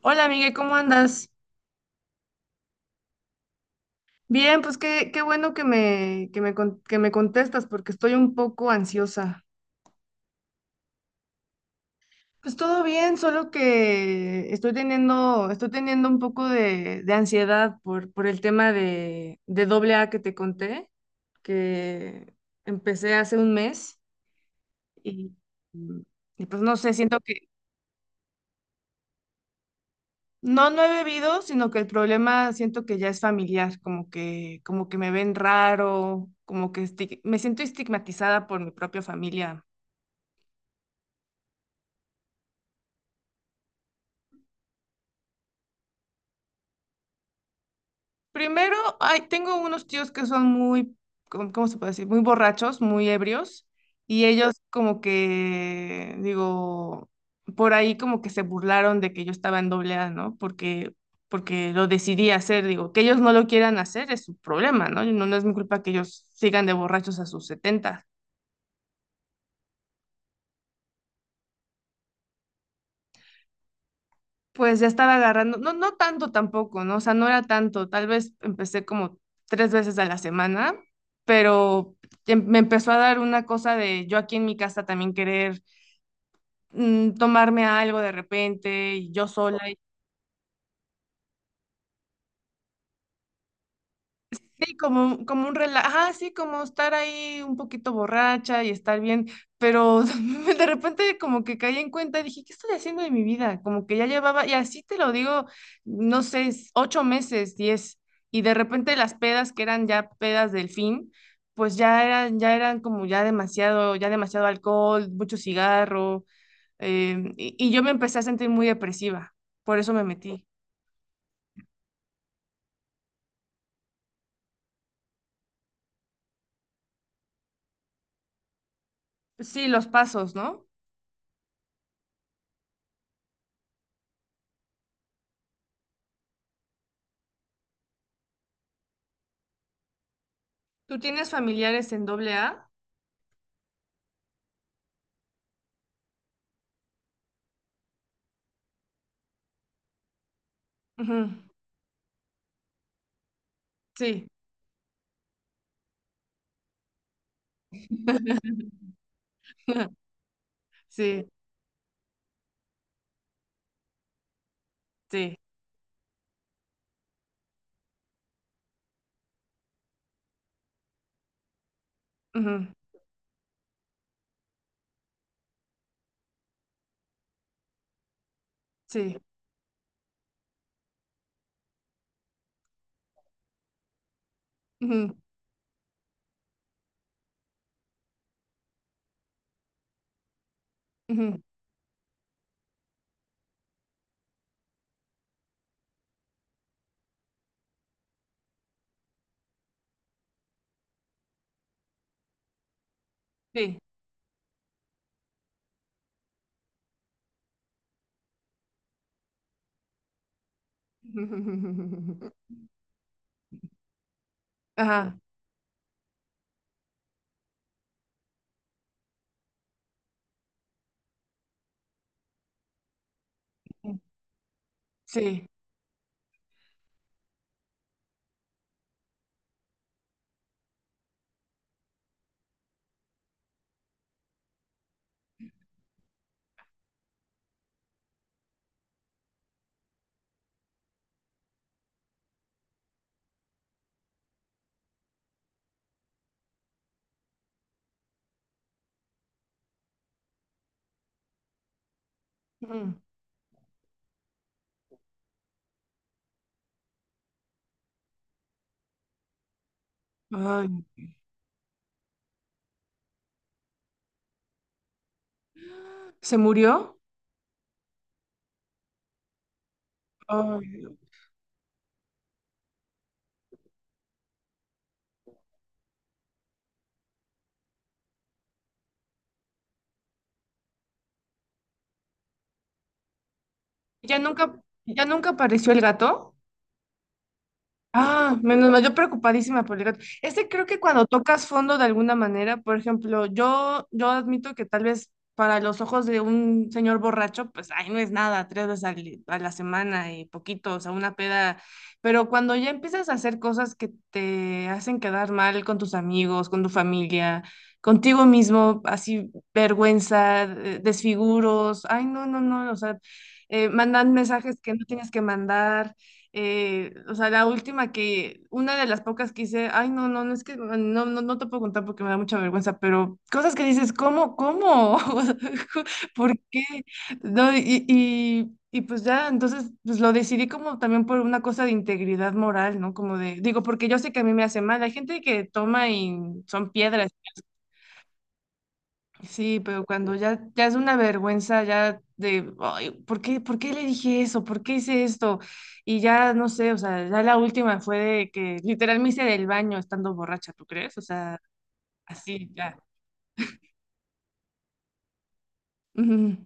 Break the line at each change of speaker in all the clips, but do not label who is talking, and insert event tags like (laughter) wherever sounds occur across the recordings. Hola, Miguel, ¿cómo andas? Bien, pues qué bueno que me contestas porque estoy un poco ansiosa. Pues todo bien, solo que estoy teniendo un poco de ansiedad por el tema de doble A que te conté, que empecé hace un mes y, y pues no sé, siento que no, no he bebido, sino que el problema siento que ya es familiar, como que me ven raro, como que me siento estigmatizada por mi propia familia. Primero, ay, tengo unos tíos que son muy, cómo se puede decir? Muy borrachos, muy ebrios, y ellos como que, digo, por ahí como que se burlaron de que yo estaba en doble A, ¿no? Porque lo decidí hacer, digo, que ellos no lo quieran hacer es su problema, ¿no? No, no es mi culpa que ellos sigan de borrachos a sus setenta. Pues ya estaba agarrando, no, no tanto tampoco, ¿no? O sea, no era tanto, tal vez empecé como tres veces a la semana, pero me empezó a dar una cosa de yo aquí en mi casa también querer tomarme algo de repente, y yo sola. Sí, como, como un relajo, ajá, sí, como estar ahí un poquito borracha y estar bien, pero (laughs) de repente como que caí en cuenta, dije, ¿qué estoy haciendo de mi vida? Como que ya llevaba, y así te lo digo, no sé, ocho meses, diez, y de repente las pedas que eran ya pedas del fin, pues ya eran como ya demasiado alcohol, mucho cigarro, y yo me empecé a sentir muy depresiva, por eso me metí. Sí, los pasos, ¿no? ¿Tú tienes familiares en doble A? Sí, (laughs) sí, sí, ujú, sí, ujú, ujú, sí. (laughs) Ajá, sí. Ujú. Ay, ¿se murió? Ay, ¿ya nunca, ya nunca apareció el gato? Ah, menos mal, yo preocupadísima por el gato. Este creo que cuando tocas fondo de alguna manera, por ejemplo, yo admito que tal vez para los ojos de un señor borracho, pues ay no es nada, tres veces a la semana y poquito, o sea, una peda. Pero cuando ya empiezas a hacer cosas que te hacen quedar mal con tus amigos, con tu familia, contigo mismo, así vergüenza, desfiguros, ay, no, no, no, o sea, mandan mensajes que no tienes que mandar. O sea, la última que, una de las pocas que hice, ay, no, no, no es que, no, no, no te puedo contar porque me da mucha vergüenza, pero cosas que dices, cómo? (laughs) O sea, ¿por qué? No, y pues ya, entonces, pues lo decidí como también por una cosa de integridad moral, ¿no? Como de, digo, porque yo sé que a mí me hace mal, hay gente que toma y son piedras. Sí, pero cuando ya, ya es una vergüenza, ya de, "Ay, por qué le dije eso? ¿Por qué hice esto? Y ya, no sé, o sea, ya la última fue de que literal me hice del baño estando borracha, ¿tú crees? O sea, así, ya. Ujú.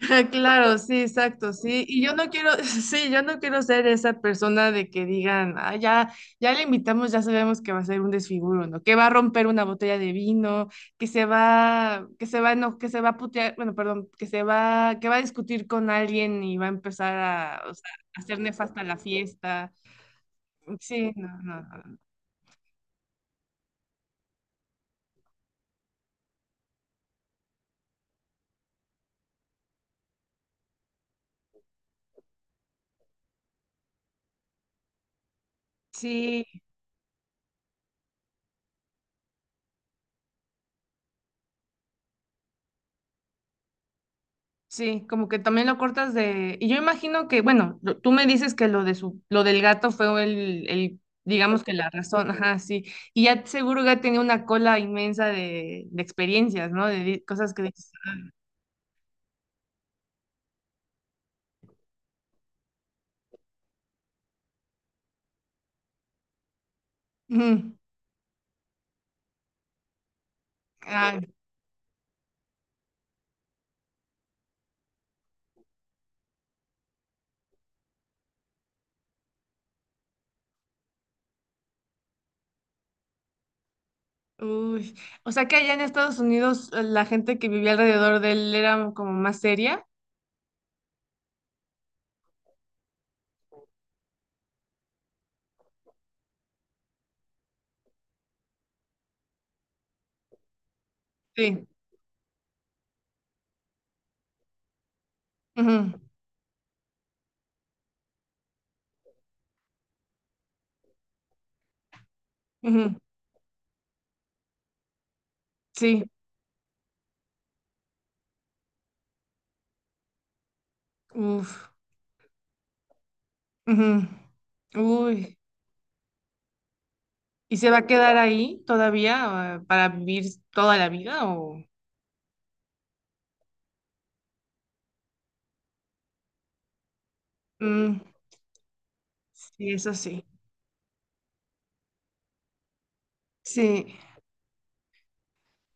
(laughs) Claro, sí, exacto, sí. Y yo no quiero, (laughs) sí, yo no quiero ser esa persona de que digan, ah, ya, ya le invitamos, ya sabemos que va a ser un desfiguro, ¿no? Que va a romper una botella de vino, que se va, no, que se va a putear, bueno, perdón, que va a discutir con alguien y va a empezar a, o sea, a hacer nefasta la fiesta. Sí, no, no, no. No. Sí, sí, como que también lo cortas de... Y yo imagino que, bueno, tú me dices que lo de su, lo del gato fue el, digamos que la razón, ajá, sí. Y ya seguro ya tenía una cola inmensa de experiencias, ¿no? De cosas que dices. "Ujú, ay, uy". O sea que allá en Estados Unidos la gente que vivía alrededor de él era como más seria. Sí. Ujú, ujú, sí. Uf. Ujú, uy. ¿Y se va a quedar ahí todavía para vivir toda la vida o? Mm, sí, eso sí. Sí,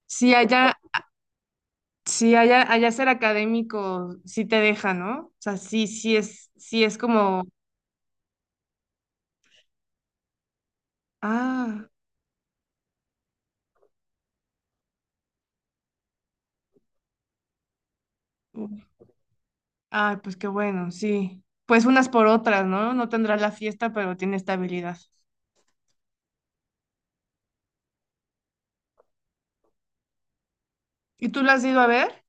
sí allá, sí allá, allá ser académico sí te deja, ¿no? O sea, sí es como, ah, uf, ay, pues qué bueno, sí. Pues unas por otras, ¿no? No tendrá la fiesta, pero tiene estabilidad. ¿Y tú la has ido a ver?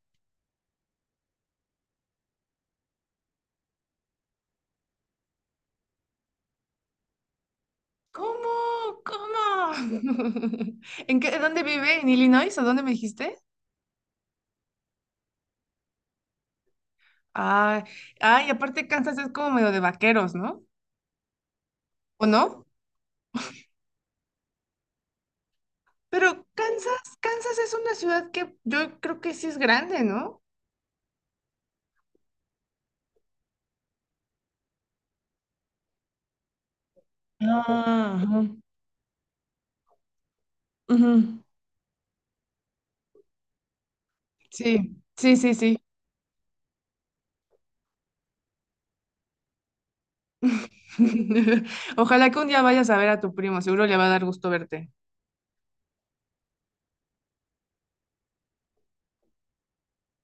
¿Cómo? ¿Cómo? (laughs) ¿En qué, dónde vive? ¿En Illinois? ¿O dónde me dijiste? Ah, ah, y aparte Kansas es como medio de vaqueros, ¿no? ¿O no? Pero Kansas es una ciudad que yo creo que sí es grande, ¿no? Ah, ajá, ujú. Sí, sí, sí, sí. (laughs) Ojalá que un día vayas a ver a tu primo, seguro le va a dar gusto verte.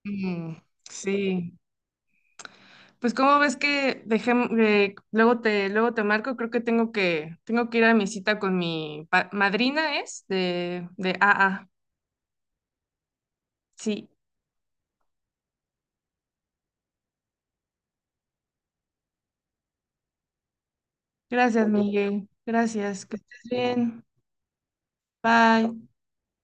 Mm, sí. Pues cómo ves que dejemos, luego te marco, creo que tengo que ir a mi cita con mi madrina, ¿es? De AA. Sí. Gracias, Miguel. Gracias. Que estés bien. Bye.